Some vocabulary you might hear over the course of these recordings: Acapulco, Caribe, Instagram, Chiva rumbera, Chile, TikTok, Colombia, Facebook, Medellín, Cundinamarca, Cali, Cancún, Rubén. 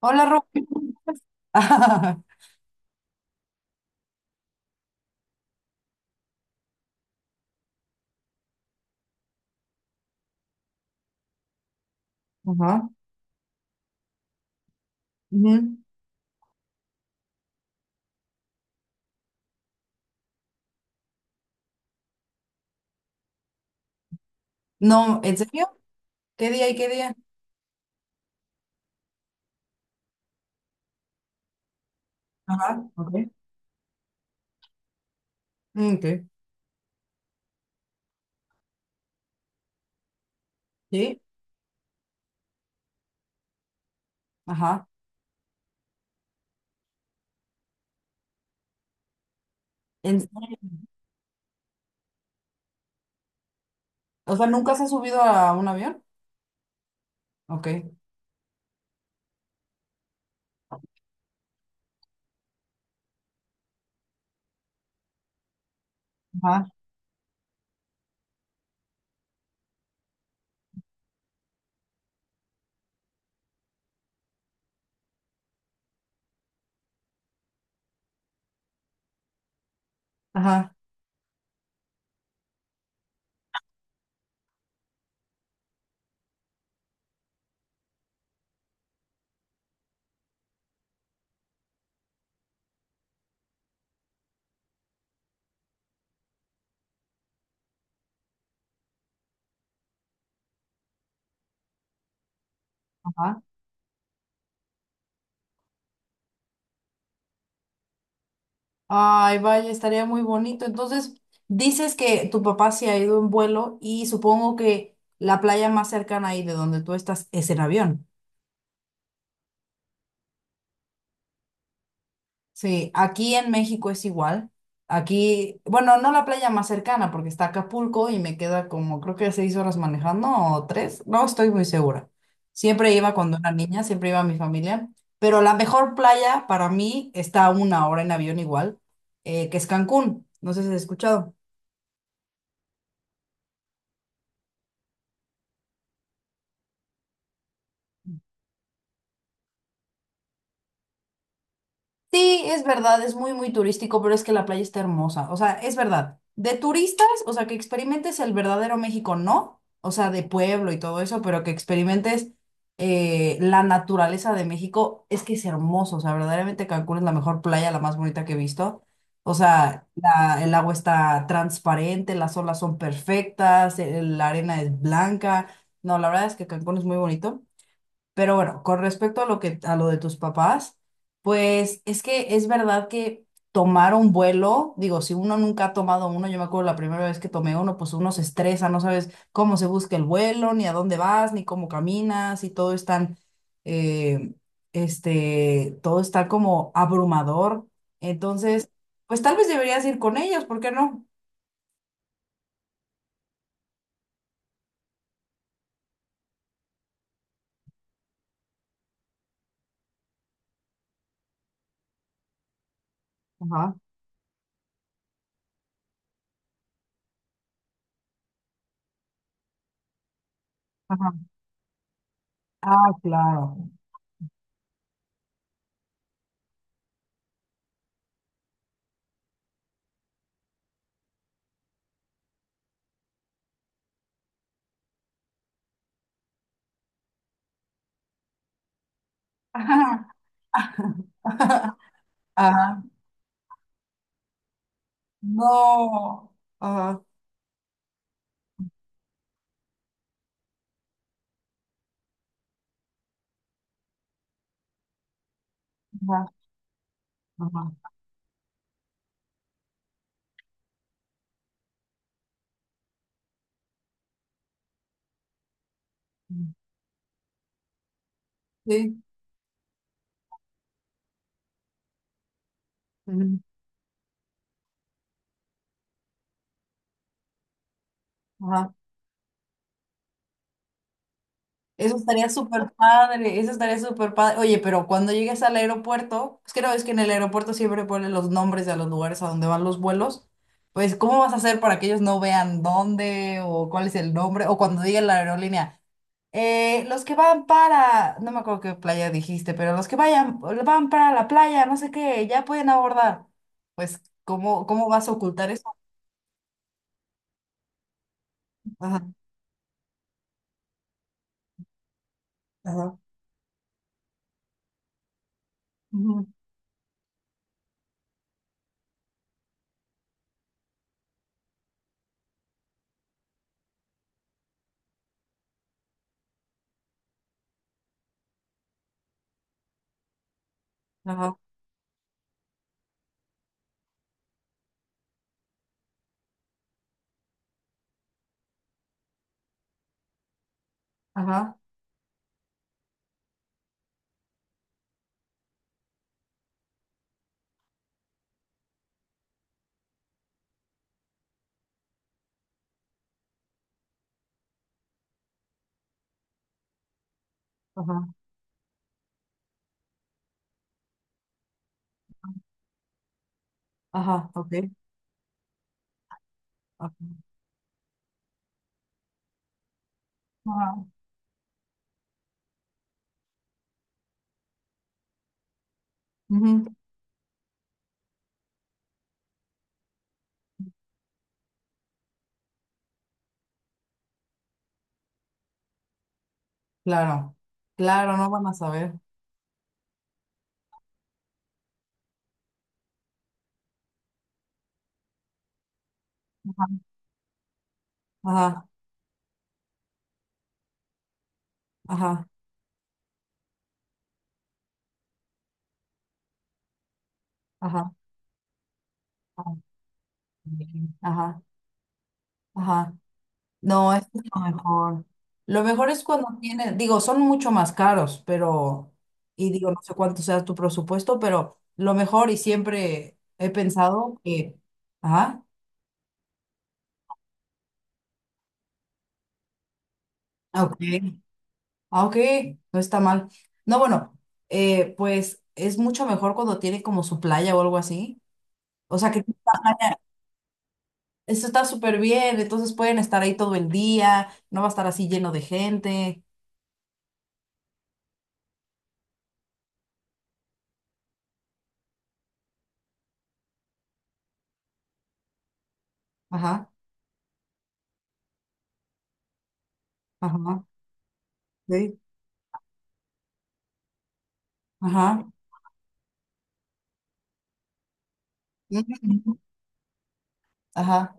Hola, Rubén. Ajá. Ujú. No, ¿en serio? ¿Qué día y qué día? Ajá, ok. Mm, ok. Sí, ajá. ¿En serio? O sea, ¿nunca se ha subido a un avión? Ok. Ajá, ajá, ajá. Ay, vaya, estaría muy bonito. Entonces, dices que tu papá se ha ido en vuelo y supongo que la playa más cercana ahí de donde tú estás es en avión. Sí, aquí en México es igual. Aquí, bueno, no la playa más cercana porque está Acapulco y me queda como creo que 6 horas manejando o tres, no estoy muy segura. Siempre iba cuando era niña, siempre iba mi familia, pero la mejor playa para mí está a una hora en avión igual, que es Cancún. No sé si has escuchado. Sí, es verdad, es muy, muy turístico, pero es que la playa está hermosa. O sea, es verdad. De turistas, o sea, que experimentes el verdadero México, no. O sea, de pueblo y todo eso, pero que experimentes la naturaleza de México, es que es hermoso. O sea, verdaderamente Cancún es la mejor playa, la más bonita que he visto. O sea, el agua está transparente, las olas son perfectas, la arena es blanca. No, la verdad es que Cancún es muy bonito. Pero bueno, con respecto a lo que, a lo de tus papás, pues es que es verdad que tomar un vuelo, digo, si uno nunca ha tomado uno, yo me acuerdo la primera vez que tomé uno, pues uno se estresa, no sabes cómo se busca el vuelo, ni a dónde vas, ni cómo caminas, y todo es tan, eh, este, todo está como abrumador. Entonces, pues tal vez deberías ir con ellos, ¿por qué no? Ajá, ajá. Ah, claro. Ajá. Ajá. No. Ajá. Ajá. Ajá. Sí. Ujú. Ajá. Eso estaría súper padre, eso estaría súper padre. Oye, pero cuando llegues al aeropuerto, pues creo es que en el aeropuerto siempre ponen los nombres de los lugares a donde van los vuelos. Pues, ¿cómo vas a hacer para que ellos no vean dónde o cuál es el nombre? O cuando diga la aerolínea, los que van para, no me acuerdo qué playa dijiste, pero los que vayan, van para la playa, no sé qué, ya pueden abordar. Pues, ¿cómo, cómo vas a ocultar eso? Ajá, ajá, ujú, ajá, ajá, ajá. Ajá, ok. Ajá, ajá. Ujú. Claro, claro, no van a saber. Ajá, ajá, ajá, ajá, ajá. Ajá. No, esto es lo mejor. Lo mejor es cuando tiene, digo, son mucho más caros, pero, y digo, no sé cuánto sea tu presupuesto, pero lo mejor y siempre he pensado que, ajá, ah, ok, ah, ok. No está mal. No, bueno, pues es mucho mejor cuando tiene como su playa o algo así. O sea, que eso está súper bien, entonces pueden estar ahí todo el día, no va a estar así lleno de gente. Ajá, ajá, sí, ajá, ujú, ajá,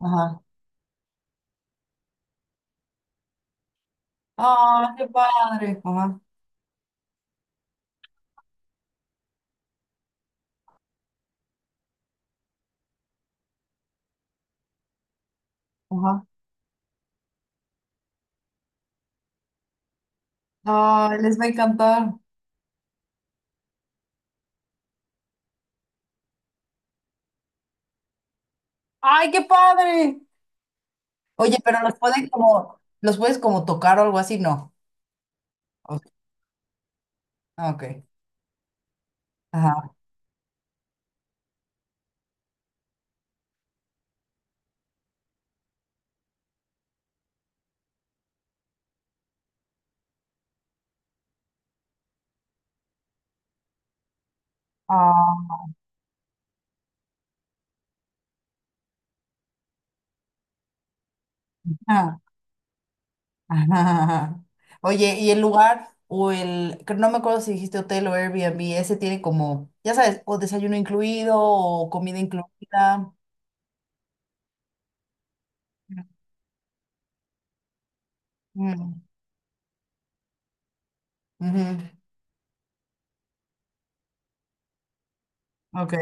ajá. ¡Ah, qué padre! Ajá, ajá. ¡Ay, les va a encantar! ¡Ay, qué padre! Oye, pero los pueden como, los puedes como tocar o algo así, no. Ok, ah, ok, ajá. Ah, ajá. Oye, ¿y el lugar o el, que no me acuerdo si dijiste hotel o Airbnb, ese tiene como, ya sabes, o desayuno incluido o comida incluida? Mm, ujú. Ok.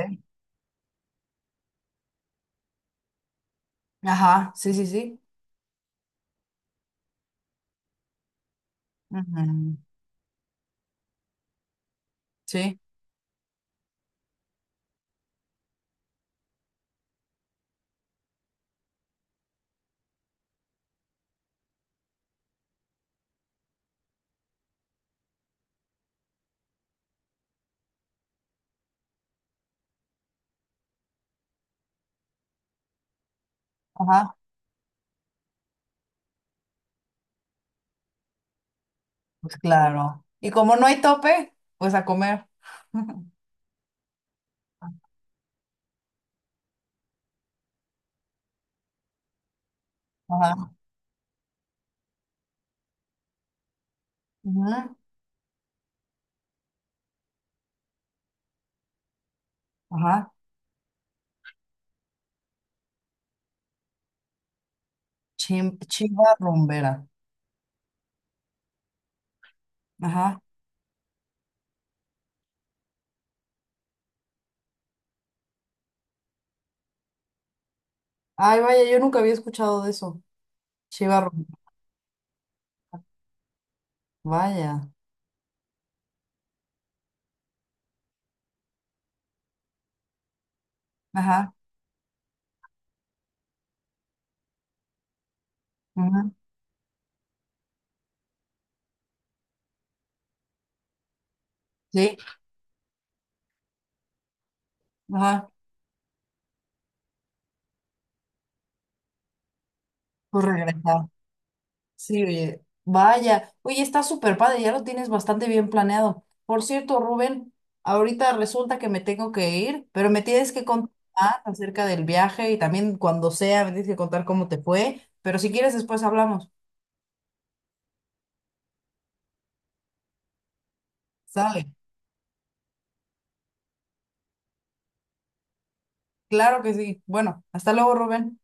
Ajá, sí, sí, sí. Ujú. Sí, ajá, pues claro. Y como no hay tope, pues a comer. Ajá, ujú, ajá. Chiva rumbera. Ajá. Ay, vaya, yo nunca había escuchado de eso. Chiva rumbera. Vaya. Ajá. Ujú. Sí. Ajá, pues regresar. Sí, oye, vaya. Oye, está súper padre, ya lo tienes bastante bien planeado. Por cierto, Rubén, ahorita resulta que me tengo que ir, pero me tienes que contar acerca del viaje y también cuando sea, me tienes que contar cómo te fue. Pero si quieres, después hablamos. Sale. Claro que sí. Bueno, hasta luego, Rubén.